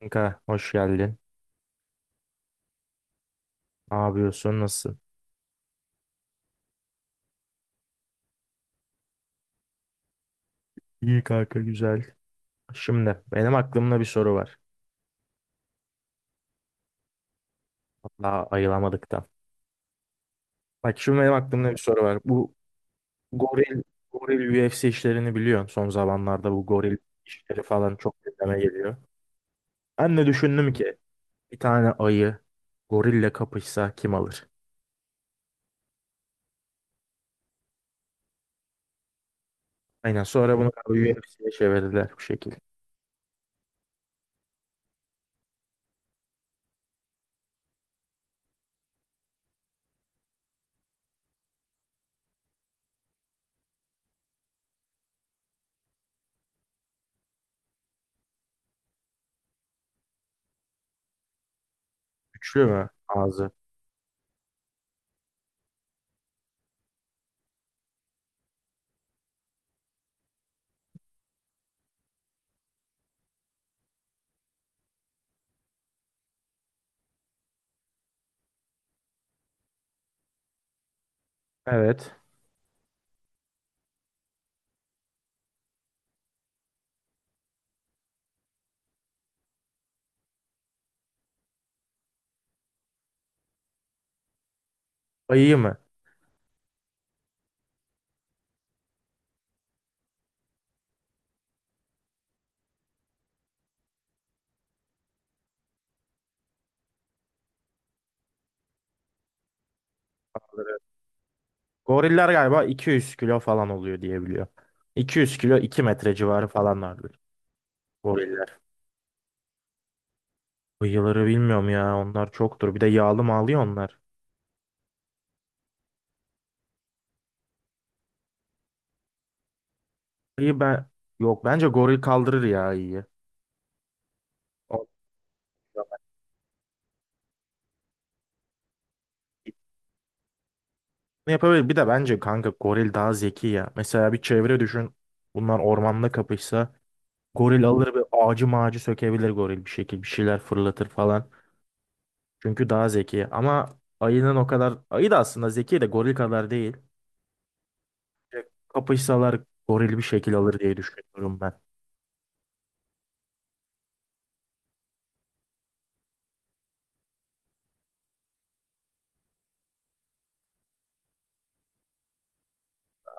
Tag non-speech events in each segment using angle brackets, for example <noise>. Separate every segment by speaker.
Speaker 1: Kanka hoş geldin. Ne yapıyorsun? Nasılsın? İyi kanka güzel. Şimdi benim aklımda bir soru var. Hatta ayılamadık da. Bak şimdi benim aklımda bir soru var. Bu goril, goril UFC işlerini biliyorsun. Son zamanlarda bu goril işleri falan çok gündeme geliyor. Ben de düşündüm ki bir tane ayı gorille kapışsa kim alır? Aynen, sonra bunu UFC'ye çevirdiler bu şekilde. Güçlü mü ağzı? Evet. Ayı mı? Goriller galiba 200 kilo falan oluyor diye biliyor. 200 kilo, 2 metre civarı falanlardır goriller. Bıyıları bilmiyorum ya, onlar çoktur. Bir de yağlı mağlı onlar. İyi ben, yok, bence goril kaldırır ya, iyi. O- Ne yapabilir? Bir de bence kanka goril daha zeki ya. Mesela bir çevre düşün. Bunlar ormanda kapışsa goril alır, bir ağacı mağacı sökebilir goril, bir şekilde bir şeyler fırlatır falan. Çünkü daha zeki. Ama ayının o kadar, ayı da aslında zeki de goril kadar değil. Kapışsalar goril bir şekil alır diye düşünüyorum ben.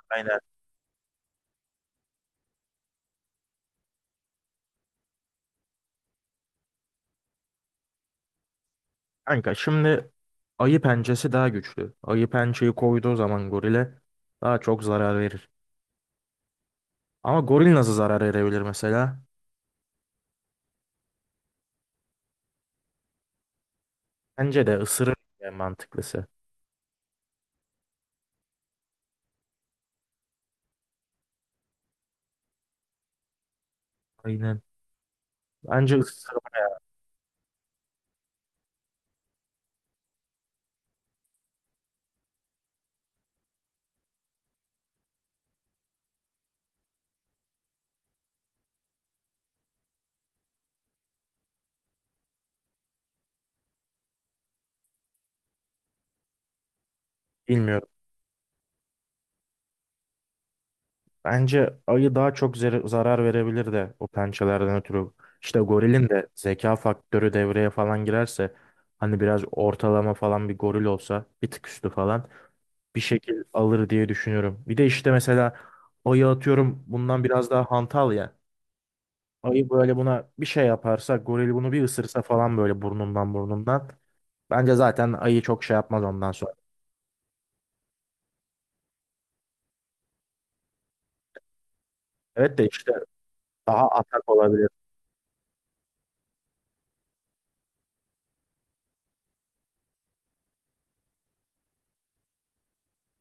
Speaker 1: Aynen. Kanka şimdi ayı pençesi daha güçlü. Ayı pençeyi koyduğu zaman gorile daha çok zarar verir. Ama goril nasıl zarar verebilir mesela? Bence de ısırır en mantıklısı. Aynen. Bence ısırmak, bilmiyorum. Bence ayı daha çok zarar verebilir de o pençelerden ötürü. İşte gorilin de zeka faktörü devreye falan girerse hani biraz ortalama falan bir goril olsa bir tık üstü falan bir şekil alır diye düşünüyorum. Bir de işte mesela ayı, atıyorum, bundan biraz daha hantal ya. Ayı böyle buna bir şey yaparsa goril bunu bir ısırsa falan böyle burnundan burnundan. Bence zaten ayı çok şey yapmaz ondan sonra. Evet de işte daha atak olabilir.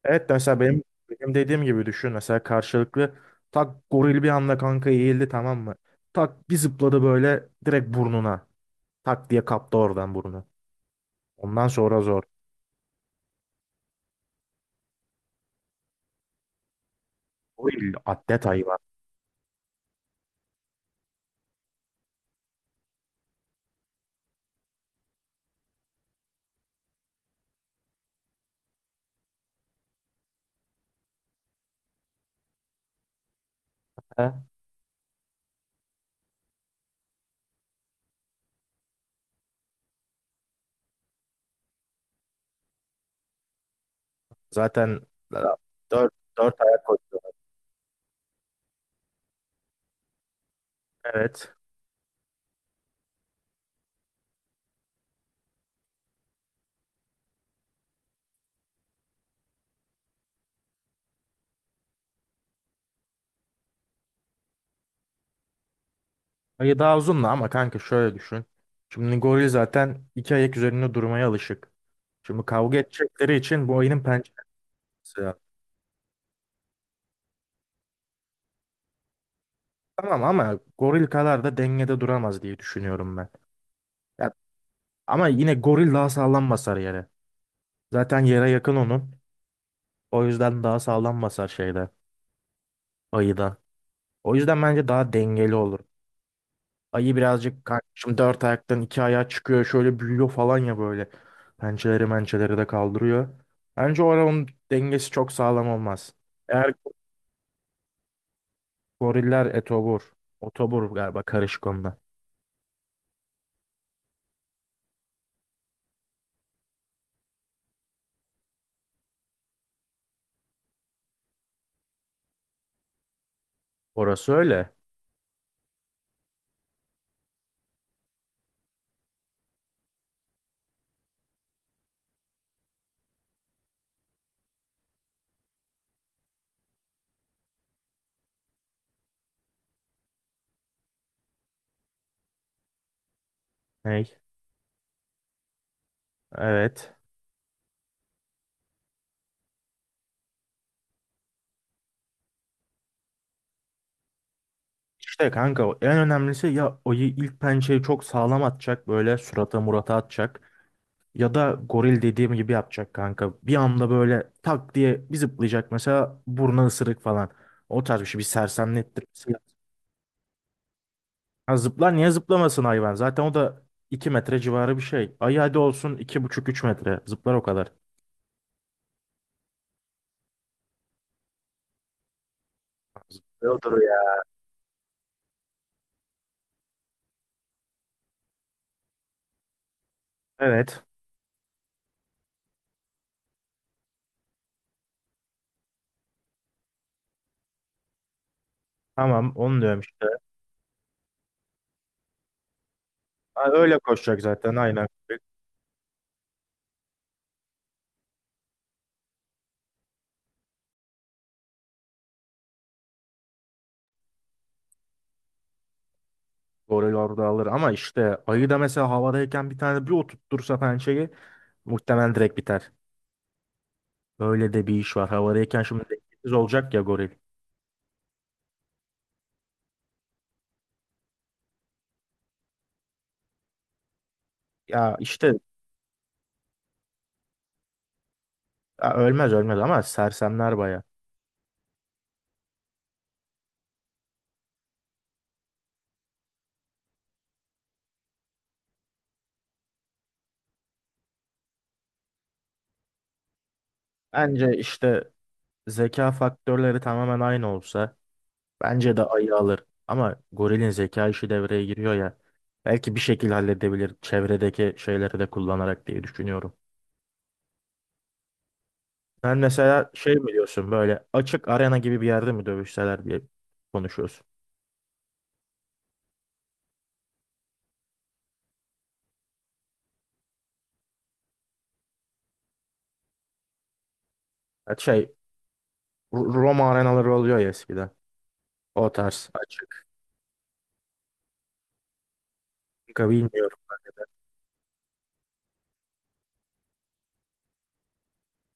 Speaker 1: Evet de mesela benim dediğim gibi düşün, mesela karşılıklı tak goril bir anda kanka eğildi, tamam mı? Tak bir zıpladı böyle, direkt burnuna. Tak diye kaptı oradan burnu. Ondan sonra zor. Goril atlet hayvan. Zaten dört, dört ayak koşuyor. Evet. Ayı daha uzun da, ama kanka şöyle düşün. Şimdi goril zaten iki ayak üzerinde durmaya alışık. Şimdi kavga edecekleri için bu ayının pençesi lazım. Tamam ama goril kadar da dengede duramaz diye düşünüyorum ben. Ya, ama yine goril daha sağlam basar yere. Zaten yere yakın onun. O yüzden daha sağlam basar şeyde, ayıdan. O yüzden bence daha dengeli olur. Ayı birazcık kardeşim dört ayaktan iki ayağa çıkıyor. Şöyle büyüyor falan ya, böyle. Pençeleri mençeleri de kaldırıyor. Bence oranın dengesi çok sağlam olmaz. Eğer goriller etobur. Otobur galiba, karışık onda. Orası öyle. Ney? Evet. İşte kanka en önemlisi, ya ayı ilk pençeyi çok sağlam atacak. Böyle surata murata atacak. Ya da goril dediğim gibi yapacak kanka. Bir anda böyle tak diye bir zıplayacak, mesela burnu ısırık falan. O tarz bir şey, bir sersemlettirmesi lazım. Ha, zıplar, niye zıplamasın hayvan? Zaten o da 2 metre civarı bir şey. Ay hadi olsun buçuk 3 metre. Zıplar o kadar. Yoldur ya. Evet. Tamam, onu diyorum işte. Ha, öyle koşacak zaten, aynen. Goril orada alır, ama işte ayı da mesela havadayken bir tane bir oturtursa pençeyi muhtemelen direkt biter. Böyle de bir iş var. Havadayken şimdi dengesiz olacak ya goril. Ya işte, ya ölmez ölmez ama sersemler baya. Bence işte zeka faktörleri tamamen aynı olsa bence de ayı alır. Ama gorilin zeka işi devreye giriyor ya. Belki bir şekilde halledebilir çevredeki şeyleri de kullanarak diye düşünüyorum. Sen mesela şey mi diyorsun, böyle açık arena gibi bir yerde mi dövüşseler diye konuşuyorsun. Ya şey, Roma arenaları oluyor ya eskiden. O tarz açık. Kanka bilmiyorum ben de.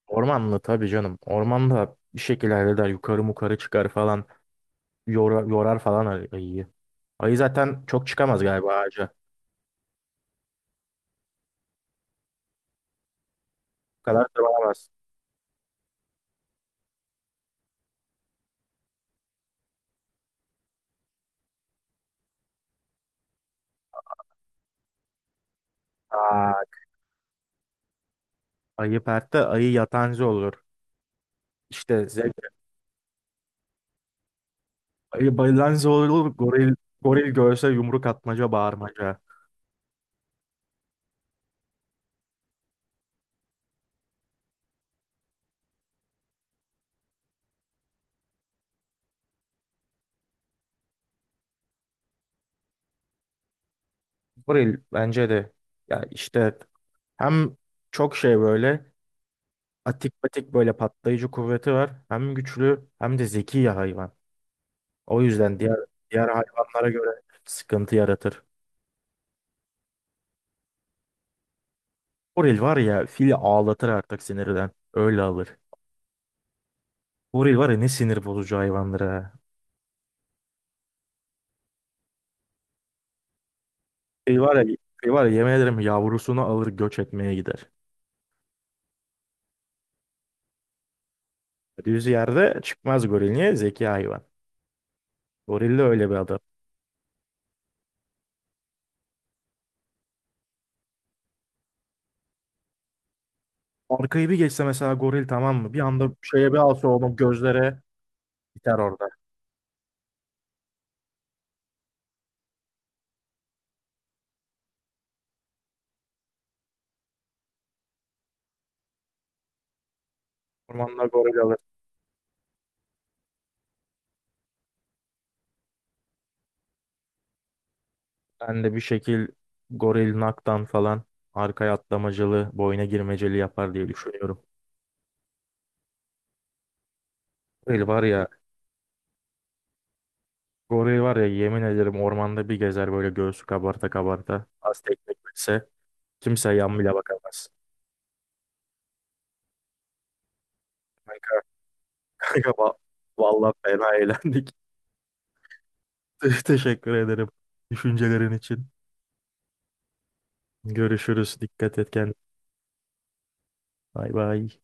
Speaker 1: Ormanlı tabii canım. Ormanda bir şekilde halleder. Yukarı mukarı çıkar falan. Yorar, yorar falan ayıyı. Ayı zaten çok çıkamaz galiba ağaca. Bu kadar tırmanamaz. Aa, ayı pertte, ayı yatancı olur. İşte zebra. Ayı bayılancı olur. Goril görse yumruk atmaca bağırmaca. Goril bence de. Ya işte hem çok şey böyle atik patik, böyle patlayıcı kuvveti var. Hem güçlü hem de zeki ya hayvan. O yüzden diğer hayvanlara göre sıkıntı yaratır. Goril var ya fili ağlatır artık sinirden. Öyle alır. Goril var ya ne sinir bozucu hayvandır ha. Şey var ya, şey var ya yemin ederim yavrusunu alır göç etmeye gider. Düz yerde çıkmaz goril. Niye? Zeki hayvan. Goril de öyle bir adam. Arkayı bir geçse mesela goril, tamam mı? Bir anda şeye bir alsa onu gözlere, biter orada. Ormanda goril alır. Ben de bir şekil goril naktan falan arkaya atlamacılı, boyuna girmeceli yapar diye düşünüyorum. Goril var ya, goril var ya yemin ederim ormanda bir gezer böyle göğsü kabarta kabarta. Az tekmek bilse kimse yan bile bakamaz. Kanka, <laughs> kanka vallahi fena eğlendik. <laughs> Teşekkür ederim düşüncelerin için. Görüşürüz. Dikkat et kendine. Bay bay.